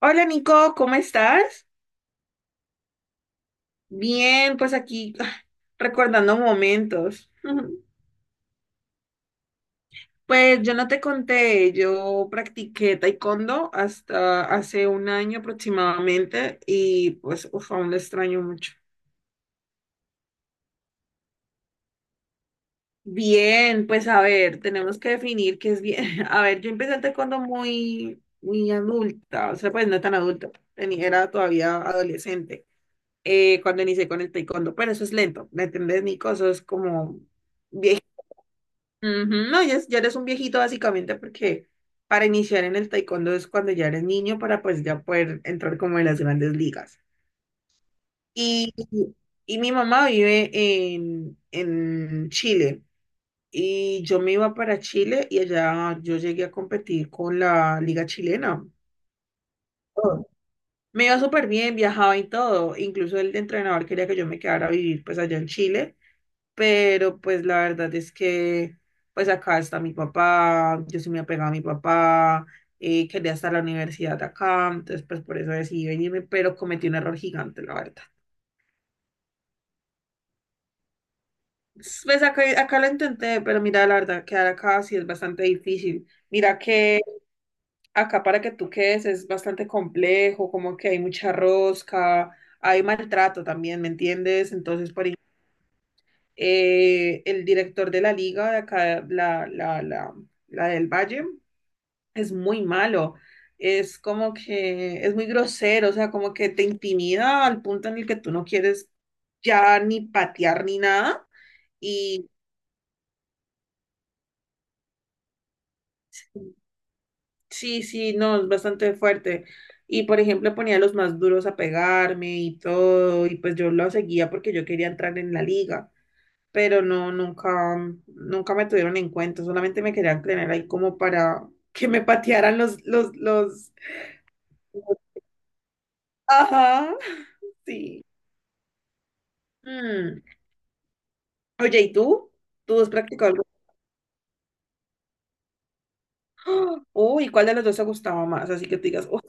Hola Nico, ¿cómo estás? Bien, pues aquí recordando momentos. Pues yo no te conté, yo practiqué taekwondo hasta hace un año aproximadamente y pues uf, aún lo extraño mucho. Bien, pues a ver, tenemos que definir qué es bien. A ver, yo empecé el taekwondo muy, muy adulta, o sea, pues no tan adulta, era todavía adolescente cuando inicié con el taekwondo, pero eso es lento, ¿me entendés, Nico? Eso es como ujú. No, ya, ya eres un viejito básicamente porque para iniciar en el taekwondo es cuando ya eres niño para pues ya poder entrar como en las grandes ligas. Y, y mi mamá vive en Chile y yo me iba para Chile y allá yo llegué a competir con la liga chilena. Oh, me iba súper bien, viajaba y todo. Incluso el entrenador quería que yo me quedara a vivir pues allá en Chile, pero pues la verdad es que pues acá está mi papá, yo sí me apegaba a mi papá, quería estar a la universidad acá, entonces pues por eso decidí venirme, pero cometí un error gigante, la verdad. Pues acá lo intenté, pero mira, la verdad, quedar acá sí es bastante difícil. Mira que acá para que tú quedes es bastante complejo, como que hay mucha rosca, hay maltrato también, ¿me entiendes? Entonces, por ejemplo, el director de la liga de acá, la del Valle, es muy malo. Es como que es muy grosero, o sea, como que te intimida al punto en el que tú no quieres ya ni patear ni nada. Y sí, sí, no, es bastante fuerte. Y por ejemplo, ponía a los más duros a pegarme y todo, y pues yo lo seguía porque yo quería entrar en la liga, pero no, nunca, nunca me tuvieron en cuenta, solamente me querían tener ahí como para que me patearan ajá. Sí. Oye, ¿y tú? ¿Tú has practicado algo? ¡Ah! Uy, ¿cuál de los dos te gustaba más? Así que te digas, uy,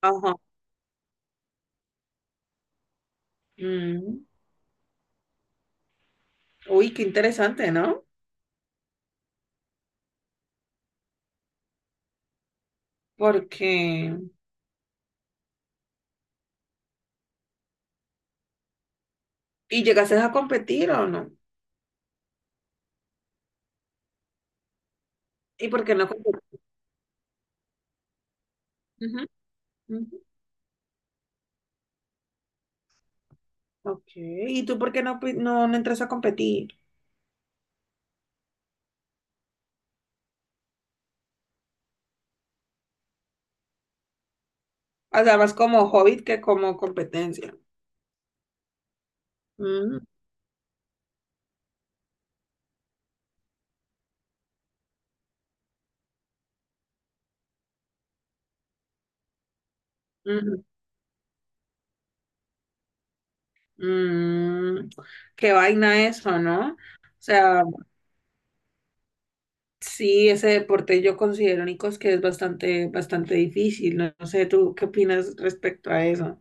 ajá. mm, Uy, qué interesante, ¿no? Porque... ¿Y llegaste a competir o no? ¿Y por qué no competiste? Ok, ¿y tú por qué no, no, no entras a competir? O sea, más como hobbit que como competencia. Mm, mm, mm. Qué vaina eso, ¿no? O sea, sí, ese deporte yo considero, Nicos, que es bastante, bastante difícil. No, no sé, ¿tú qué opinas respecto a eso?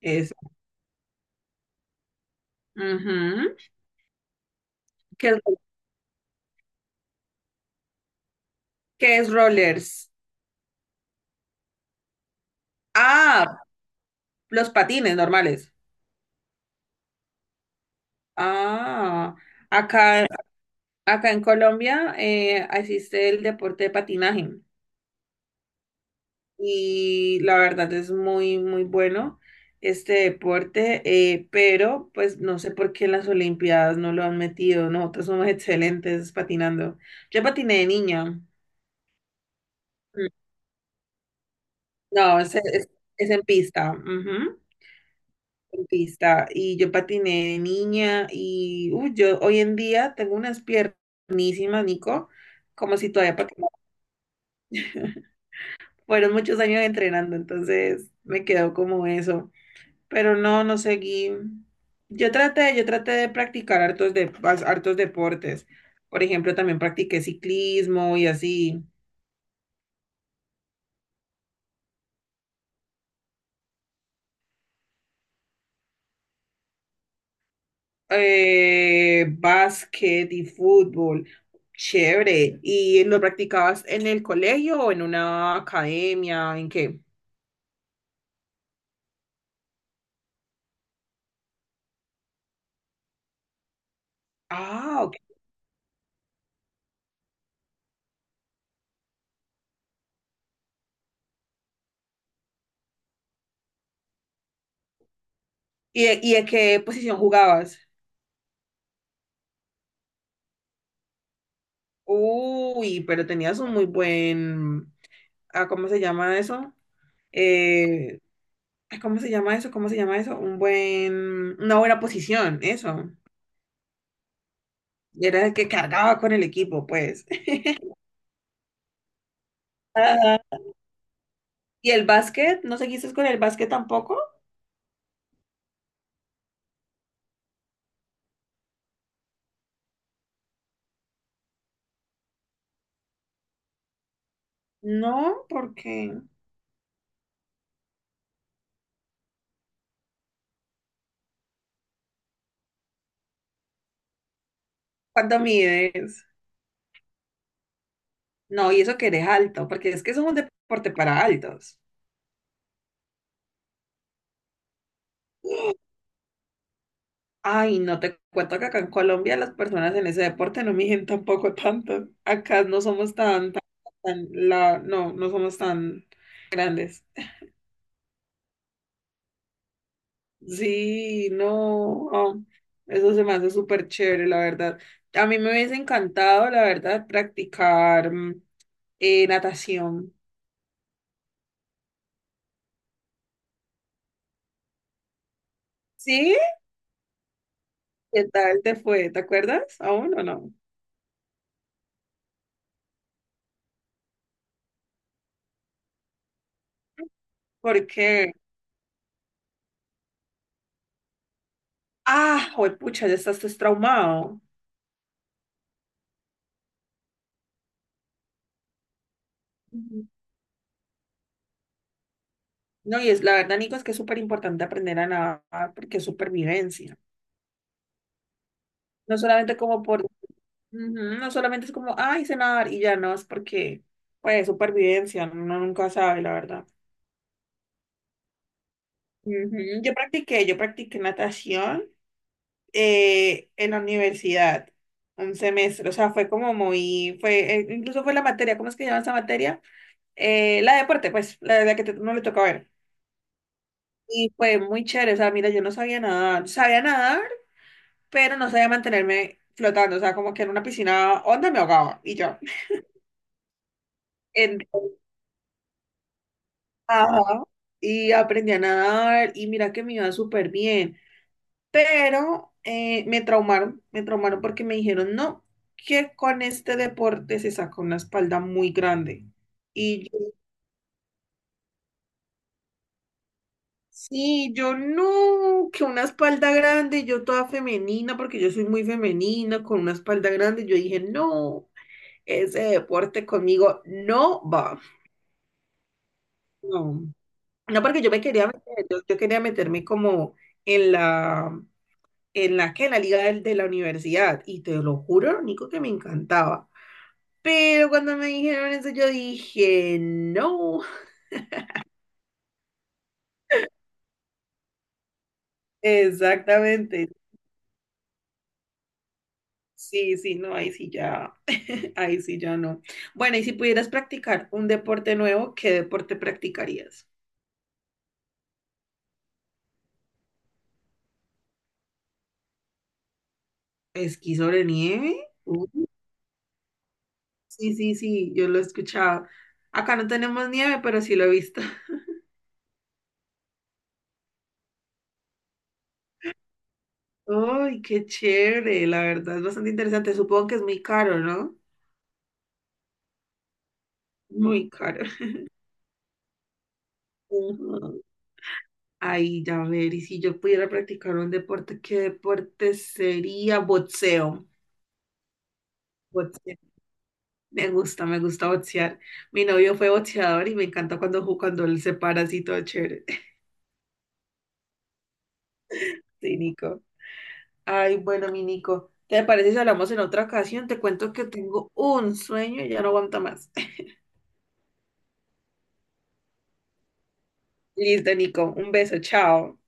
Es, ujú. ¿Qué, es qué es rollers? Ah, los patines normales. Ah, acá, acá en Colombia existe el deporte de patinaje. Y la verdad es muy, muy bueno este deporte, pero pues no sé por qué en las Olimpiadas no lo han metido, nosotros somos excelentes patinando. Yo patiné de niña. Mm, no, es en pista, ujú, en pista, y yo patiné de niña y uy, yo hoy en día tengo unas piernísimas, Nico, como si todavía patinara. Fueron muchos años entrenando, entonces me quedó como eso. Pero no, no seguí. Yo traté de practicar hartos, hartos deportes. Por ejemplo, también practiqué ciclismo y así, básquet y fútbol. Chévere. ¿Y lo practicabas en el colegio o en una academia? ¿En qué? Ah, ok. ¿Y, y de qué posición jugabas? Uy, pero tenías un muy buen, ah, ¿cómo se llama eso? Eh, Ay, ¿cómo se llama eso? ¿Cómo se llama eso? Un buen, una buena posición, eso. Era el que cargaba con el equipo, pues. Ajá. ¿Y el básquet? ¿No seguiste con el básquet tampoco? No, porque ¿cuánto mides? No, y eso que eres alto, porque es que es un deporte para altos. Ay, no te cuento que acá en Colombia las personas en ese deporte no miden tampoco tanto. Acá no somos tan, tan, no, no somos tan grandes. Sí, no, oh, eso se me hace súper chévere, la verdad. A mí me hubiese encantado, la verdad, practicar natación. ¿Sí? ¿Qué tal te fue? ¿Te acuerdas aún o no? Porque, ah, pucha, ya estás pues, traumado. Ujú. No, y es la verdad, Nico, es que es súper importante aprender a nadar porque es supervivencia. No solamente como por, ujú, no solamente es como, ay, sé nadar y ya no, es porque, pues, supervivencia, uno nunca sabe, la verdad. Ujú. Yo practiqué natación en la universidad, un semestre, o sea, fue como muy, incluso fue la materia, ¿cómo es que se llama esa materia? La de deporte, pues, la que no le toca ver. Y fue muy chévere, o sea, mira, yo no sabía nadar, sabía nadar, pero no sabía mantenerme flotando, o sea, como que en una piscina onda me ahogaba, y yo. Entonces, ajá, y aprendí a nadar, y mira que me iba súper bien. Pero me traumaron porque me dijeron, no, que con este deporte se saca una espalda muy grande. Y yo, sí, yo no, que una espalda grande, yo toda femenina, porque yo soy muy femenina, con una espalda grande, yo dije, no, ese deporte conmigo no va. No, no porque yo me quería meter, yo quería meterme como en la, en la que, en la liga la universidad, y te lo juro, lo único que me encantaba. Pero cuando me dijeron eso, yo dije, no. Exactamente. Sí, sí, no, ahí sí ya, ahí sí ya no. Bueno, y si pudieras practicar un deporte nuevo, ¿qué deporte practicarías? ¿Esquí sobre nieve? Uh, sí, sí, sí, yo lo he escuchado. Acá no tenemos nieve, pero sí lo he visto. Uy, qué chévere, la verdad es bastante interesante. Supongo que es muy caro, ¿no? Muy caro. Ujú. Ay, ya ver, y si yo pudiera practicar un deporte, ¿qué deporte sería? Boxeo. Boxeo. Me gusta boxear. Mi novio fue boxeador y me encanta cuando, cuando él se para así todo chévere. Sí, Nico. Ay, bueno, mi Nico, ¿te parece si hablamos en otra ocasión? Te cuento que tengo un sueño y ya no aguanta más. Listo, Nico. Un beso, chao.